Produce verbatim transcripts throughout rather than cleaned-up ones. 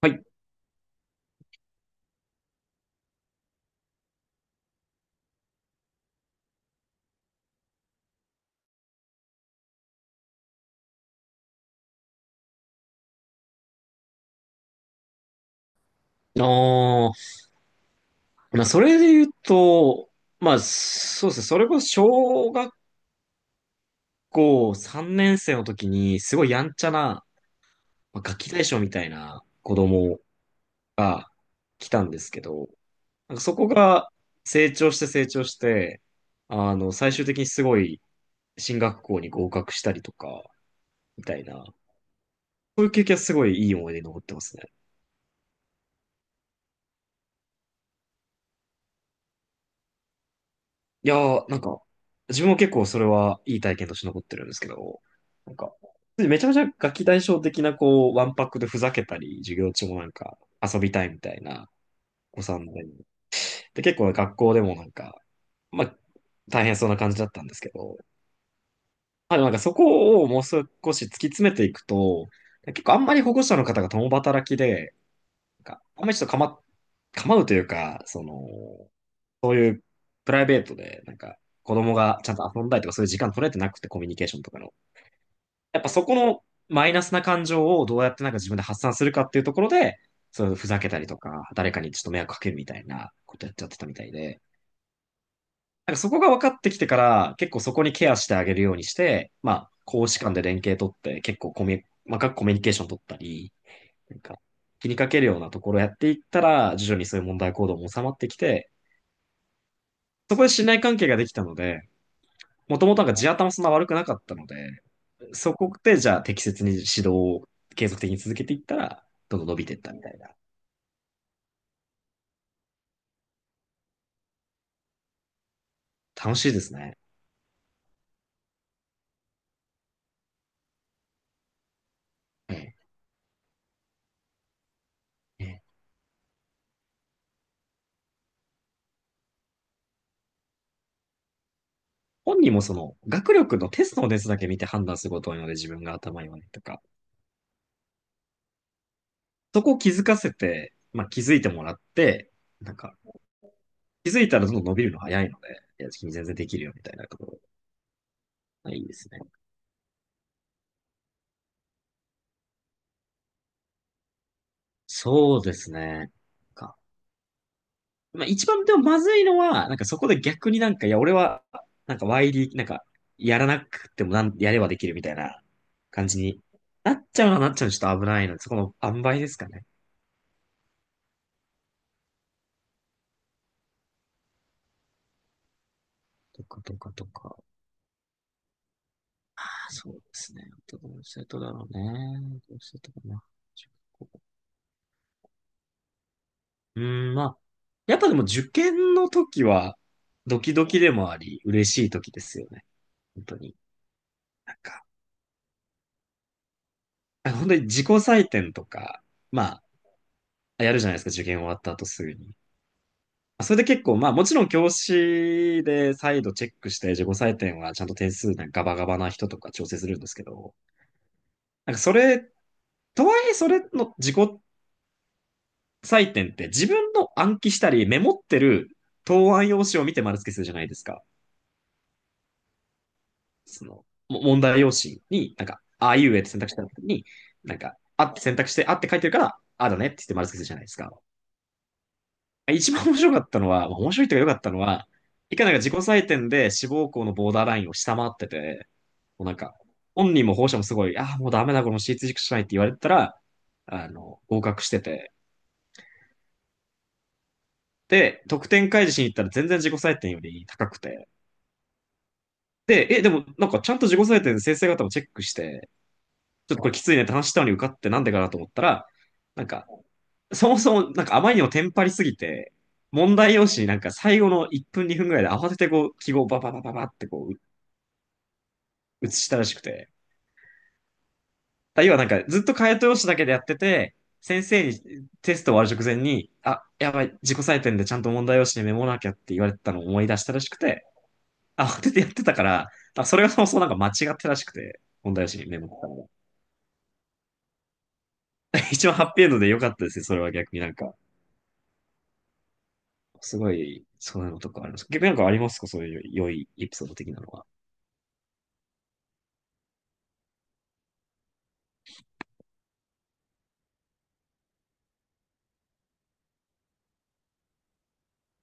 はい。ああ、まあ、それで言うと、まあ、そうですね。それこそ小学校さんねん生の時に、すごいやんちゃな、まあ、ガキ大将みたいな子供が来たんですけど、なんかそこが成長して成長して、あの、最終的にすごい進学校に合格したりとか、みたいな、そういう経験はすごいいい思い出に残ってますね。いやー、なんか、自分も結構それはいい体験として残ってるんですけど、なんか、めちゃめちゃガキ大将的な、こう、ワンパックでふざけたり、授業中もなんか遊びたいみたいなお子さんで、で、結構学校でもなんか、まあ、大変そうな感じだったんですけど、まあ、でもなんかそこをもう少し突き詰めていくと、結構あんまり保護者の方が共働きで、なんかあんまりちょっとかま、構うというか、その、そういうプライベートで、なんか、子供がちゃんと遊んだりとか、そういう時間取れてなくて、コミュニケーションとかの。やっぱそこのマイナスな感情をどうやってなんか自分で発散するかっていうところで、そういうふざけたりとか、誰かにちょっと迷惑かけるみたいなことやっちゃってたみたいで、なんかそこが分かってきてから、結構そこにケアしてあげるようにして、まあ、公私間で連携取って、結構コミュ、細かくコミュニケーション取ったり、なんか、気にかけるようなところをやっていったら、徐々にそういう問題行動も収まってきて、そこで信頼関係ができたので、もともとなんか地頭そんな悪くなかったので、そこでじゃあ適切に指導を継続的に続けていったら、どんどん伸びていったみたいな。楽しいですね。ええ。本人もその学力のテストの熱だけ見て判断することが多いので自分が頭いいわねとか、そこを気づかせて、まあ、気づいてもらって、なんか気づいたらどんどん伸びるの早いので、いや、君全然できるよみたいなところがいいですね。そうですね。かまあ、一番でもまずいのは、なんかそこで逆になんか、いや、俺は、なんか ワイディー、なんか、やらなくてもなん、やればできるみたいな感じになっちゃうのはなっちゃうのちょっと危ないので、そこの塩梅ですかね。とか、とか、とか。あそうですね。どうしてとだろうね。どうしてとかな。中学校うーん、まあ、やっぱでも受験の時は、ドキドキでもあり、嬉しい時ですよね。本当に。なんか、あ本当に自己採点とか、まあ、やるじゃないですか、受験終わった後すぐに。それで結構、まあもちろん教師で再度チェックして自己採点はちゃんと点数なんかガバガバな人とか調整するんですけど、なんかそれ、とはいえそれの自己採点って自分の暗記したりメモってる答案用紙を見て丸付けするじゃないですか。その、も問題用紙になんか、ああいうえって選択した時に、なんか、あって選択して、あって書いてるから、ああだねって言って丸付けするじゃないですか。一番面白かったのは、面白いというか良かったのは、いかなんか自己採点で志望校のボーダーラインを下回ってて、もうなんか、本人も保護者もすごい、ああ、もうダメだ、この私立塾しかないって言われてたら、あの、合格してて。で、得点開示しに行ったら全然自己採点より高くて。で、え、でもなんかちゃんと自己採点で先生方もチェックして、ちょっとこれきついねって話したのに受かってなんでかなと思ったら、なんか、そもそも、なんかあまりにもテンパりすぎて、問題用紙になんか最後のいっぷんにふんぐらいで慌ててこう、記号をバババババってこう、写したらしくて。だ要はなんかずっと解答用紙だけでやってて、先生にテスト終わる直前に、あ、やばい、自己採点でちゃんと問題用紙にメモらなきゃって言われてたのを思い出したらしくて、慌ててやってたから、あそれがそもそもなんか間違ってらしくて、問題用紙にメモったのが。一番ハッピーエンドで良かったですね、それは逆になんか。すごい、そういうのとかあります。逆になんかありますかそういう良いエピソード的なのは。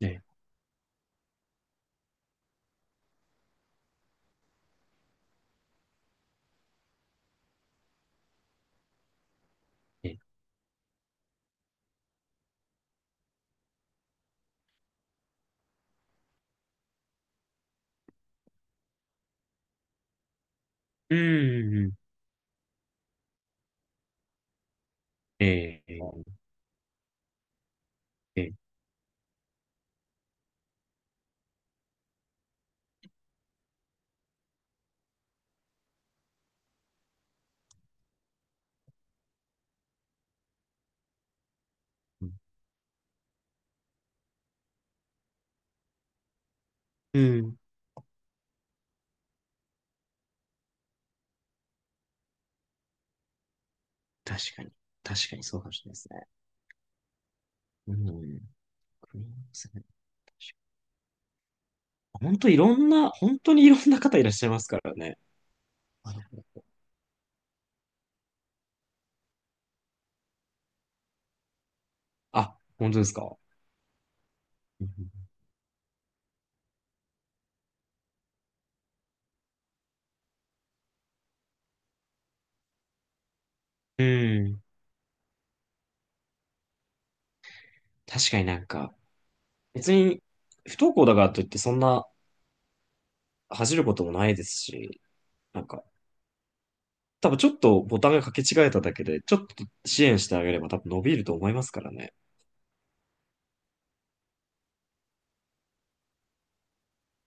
ええ、うん、うん、ええ、ええ、うん、うん確かに。確かにそうかもしれないですね。うん。クリ確かに本当いろんな、本当にいろんな方いらっしゃいますからね。なるほどあ、本当ですか。うんうん。確かになんか、別に不登校だからといってそんな恥じることもないですし、なんか、多分ちょっとボタンが掛け違えただけで、ちょっと支援してあげれば多分伸びると思いますからね。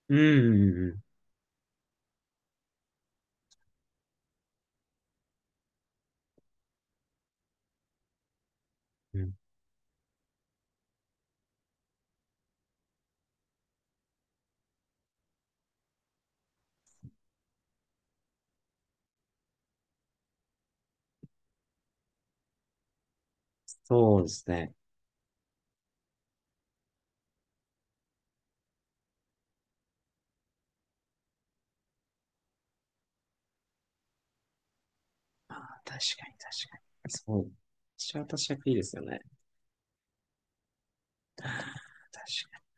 うん、うん、うん。うんそうですね。ああ、確かに確かに。そうそう。シャータシャクいいですよね。確かに。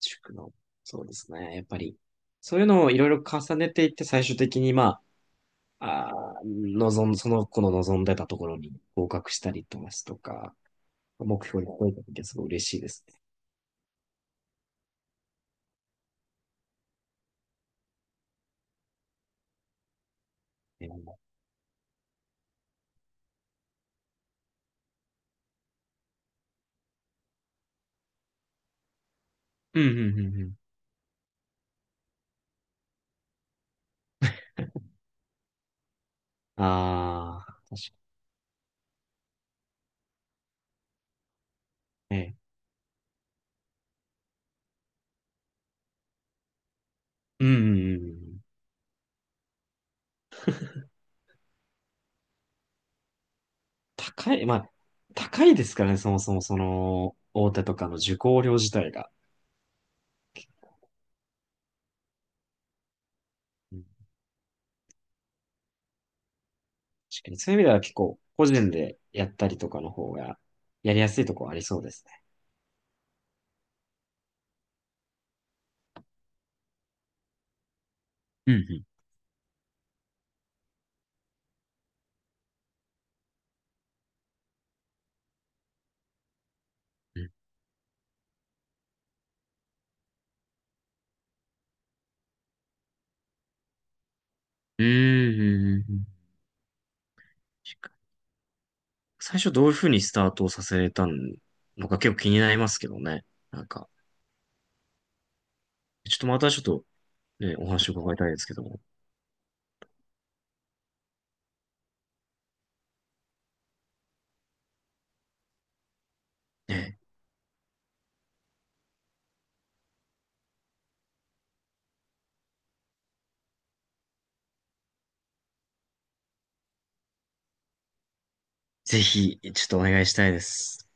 塾の。そうですね。やっぱり。そういうのをいろいろ重ねていって、最終的に、まあ、あー望ん、その子の望んでたところに合格したりとかすとか、目標に超えた時はすごい嬉しいですね。うんうんうんうん。ああ、確かにねうんうんうんうん。高い、まあ、高いですからね、そもそもその、大手とかの受講料自体が。確かにそういう意味では結構個人でやったりとかの方がやりやすいところありそうですね。うん、うん、うん。うんうんうんうん確かに最初どういうふうにスタートをさせたのか結構気になりますけどね。なんか、ちょっとまたちょっとね、お話を伺いたいですけども。ね、ぜひ、ちょっとお願いしたいです。